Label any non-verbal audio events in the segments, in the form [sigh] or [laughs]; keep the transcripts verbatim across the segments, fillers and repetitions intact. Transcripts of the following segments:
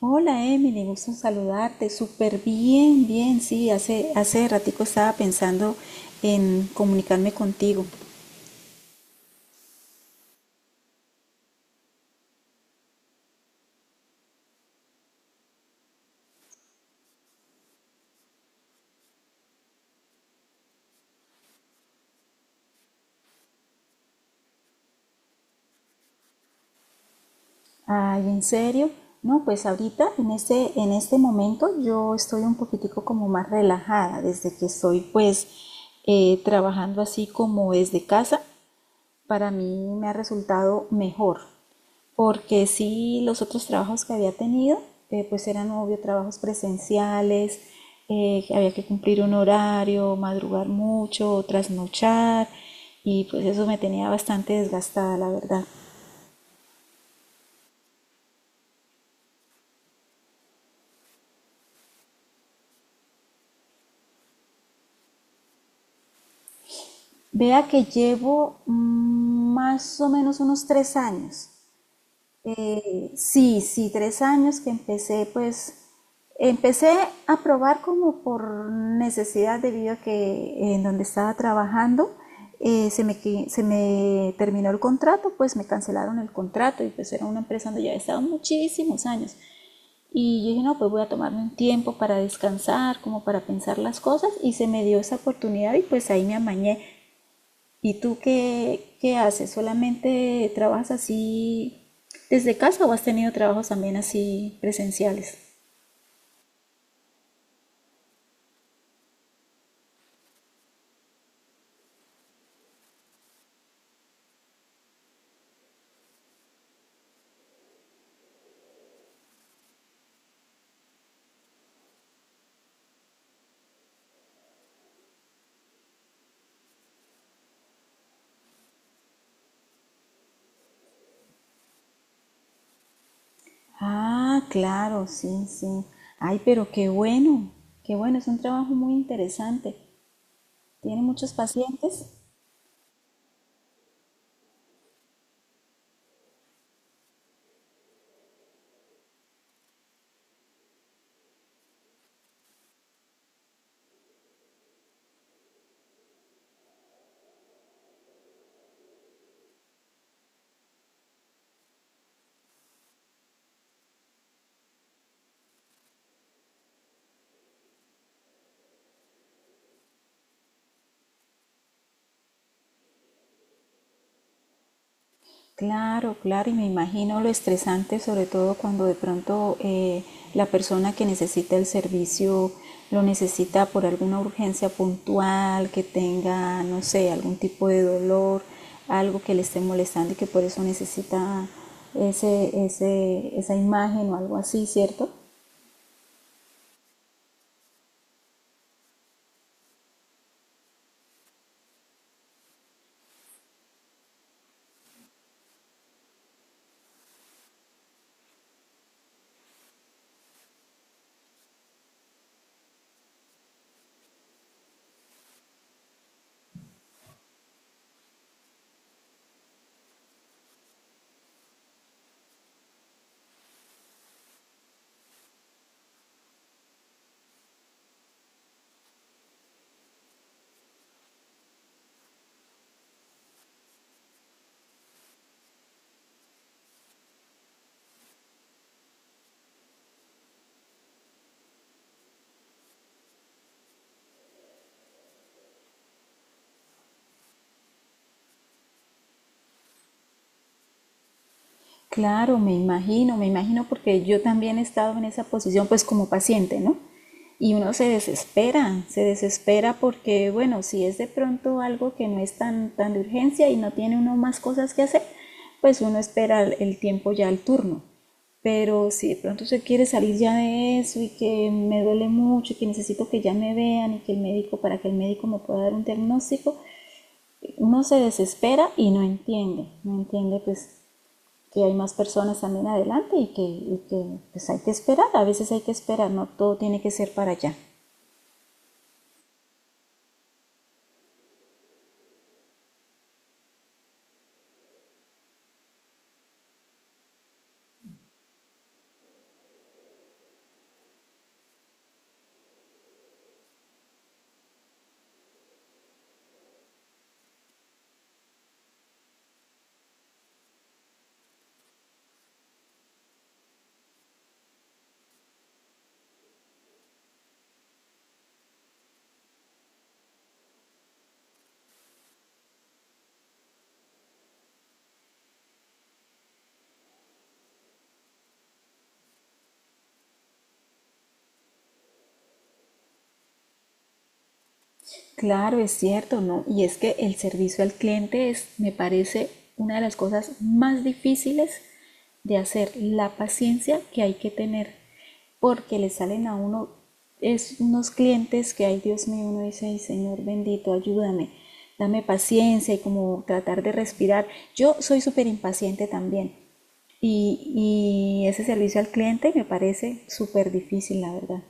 Hola Emily, gusto en saludarte. Súper bien, bien. Sí, hace, hace ratico estaba pensando en comunicarme contigo. Ay, ¿en serio? No, pues ahorita, en este, en este momento, yo estoy un poquitico como más relajada desde que estoy pues eh, trabajando así como desde casa. Para mí me ha resultado mejor, porque sí los otros trabajos que había tenido, eh, pues eran obvio trabajos presenciales. Eh, había que cumplir un horario, madrugar mucho, trasnochar, y pues eso me tenía bastante desgastada, la verdad. Vea que llevo mm, más o menos unos tres años. Eh, sí, sí, tres años que empecé, pues, empecé a probar como por necesidad debido a que en donde estaba trabajando eh, se me, qui- se me terminó el contrato, pues me cancelaron el contrato y pues era una empresa donde ya había estado muchísimos años. Y yo dije, no, pues voy a tomarme un tiempo para descansar, como para pensar las cosas y se me dio esa oportunidad y pues ahí me amañé. ¿Y tú qué, qué haces? ¿Solamente trabajas así desde casa o has tenido trabajos también así presenciales? Ah, claro, sí, sí. Ay, pero qué bueno, qué bueno, es un trabajo muy interesante. ¿Tiene muchos pacientes? Claro, claro, y me imagino lo estresante, sobre todo cuando de pronto eh, la persona que necesita el servicio lo necesita por alguna urgencia puntual, que tenga, no sé, algún tipo de dolor, algo que le esté molestando y que por eso necesita ese, ese, esa imagen o algo así, ¿cierto? Claro, me imagino, me imagino porque yo también he estado en esa posición pues como paciente, ¿no? Y uno se desespera, se desespera porque, bueno, si es de pronto algo que no es tan, tan de urgencia y no tiene uno más cosas que hacer, pues uno espera el, el tiempo ya al turno. Pero si de pronto se quiere salir ya de eso y que me duele mucho y que necesito que ya me vean y que el médico, para que el médico me pueda dar un diagnóstico, uno se desespera y no entiende, no entiende pues que hay más personas también adelante y que, y que pues hay que esperar, a veces hay que esperar, no todo tiene que ser para allá. Claro, es cierto, ¿no? Y es que el servicio al cliente es, me parece, una de las cosas más difíciles de hacer, la paciencia que hay que tener, porque le salen a uno es unos clientes que, ay Dios mío, uno dice, ay Señor bendito, ayúdame, dame paciencia y como tratar de respirar. Yo soy súper impaciente también y, y ese servicio al cliente me parece súper difícil, la verdad.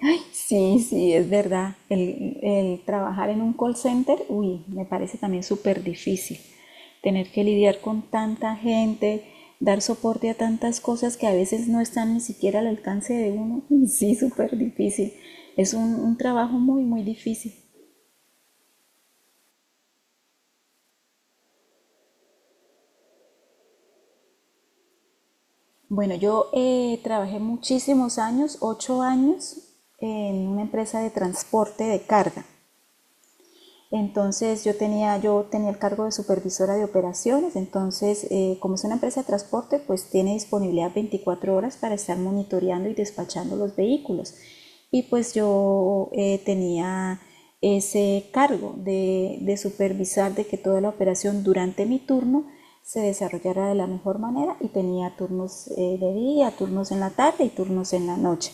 Ay, sí, sí, es verdad. El, el trabajar en un call center, uy, me parece también súper difícil. Tener que lidiar con tanta gente, dar soporte a tantas cosas que a veces no están ni siquiera al alcance de uno. [laughs] Uy, sí, súper difícil. Es un, un trabajo muy, muy difícil. Bueno, yo eh, trabajé muchísimos años, ocho años, en una empresa de transporte de carga. Entonces yo tenía, yo tenía el cargo de supervisora de operaciones, entonces eh, como es una empresa de transporte, pues tiene disponibilidad veinticuatro horas para estar monitoreando y despachando los vehículos. Y pues yo eh, tenía ese cargo de, de supervisar de que toda la operación durante mi turno se desarrollara de la mejor manera y tenía turnos eh, de día, turnos en la tarde y turnos en la noche.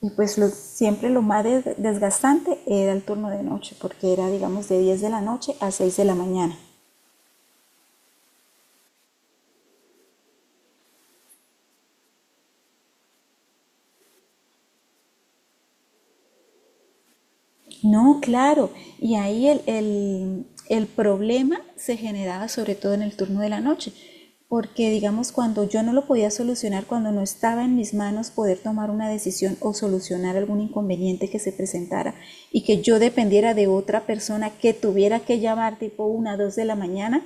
Y pues lo, siempre lo más desgastante era el turno de noche, porque era, digamos, de diez de la noche a seis de la mañana. No, claro, y ahí el, el- el problema se generaba sobre todo en el turno de la noche, porque digamos, cuando yo no lo podía solucionar, cuando no estaba en mis manos poder tomar una decisión o solucionar algún inconveniente que se presentara y que yo dependiera de otra persona que tuviera que llamar tipo una dos de la mañana,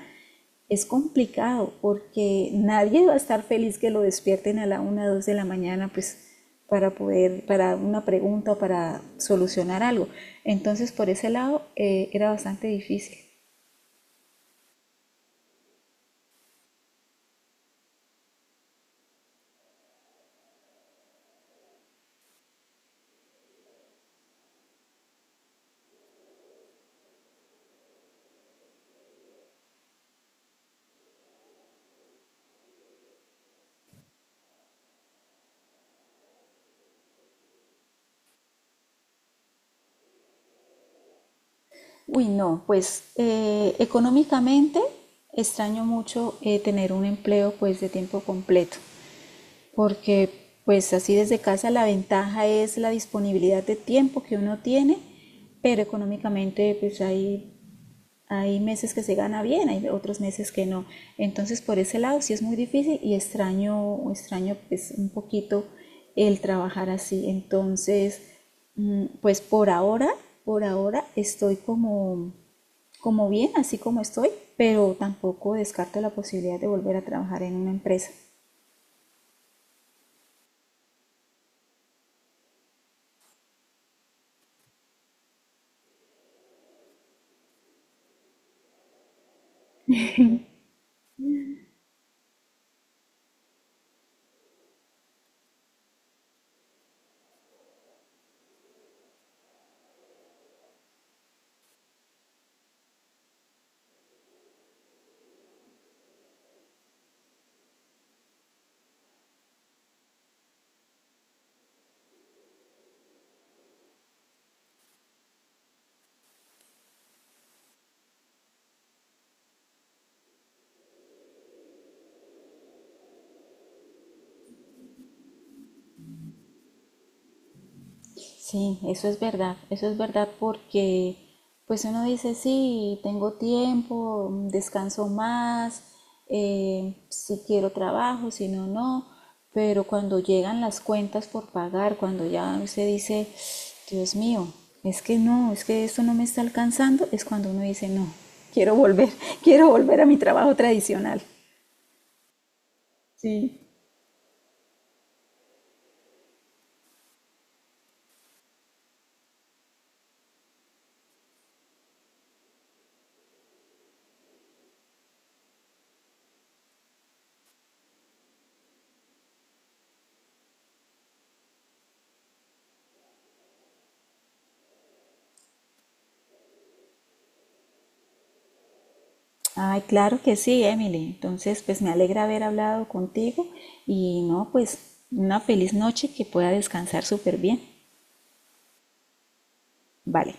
es complicado porque nadie va a estar feliz que lo despierten a la una o dos de la mañana, pues para poder, para una pregunta o para solucionar algo. Entonces, por ese lado, eh, era bastante difícil. Uy, no, pues eh, económicamente extraño mucho eh, tener un empleo pues de tiempo completo, porque pues así desde casa la ventaja es la disponibilidad de tiempo que uno tiene, pero económicamente pues hay hay meses que se gana bien, hay otros meses que no. Entonces, por ese lado sí es muy difícil y extraño, extraño pues un poquito el trabajar así. Entonces, mm, pues por ahora, por ahora estoy como, como bien, así como estoy, pero tampoco descarto la posibilidad de volver a trabajar en una empresa. Sí, eso es verdad, eso es verdad porque pues uno dice, sí, tengo tiempo, descanso más, eh, si quiero trabajo, si no, no, pero cuando llegan las cuentas por pagar, cuando ya usted dice, Dios mío, es que no, es que esto no me está alcanzando, es cuando uno dice, no, quiero volver, [laughs] quiero volver a mi trabajo tradicional. Sí. Ay, claro que sí, Emily. Entonces, pues me alegra haber hablado contigo y no, pues una feliz noche que pueda descansar súper bien. Vale.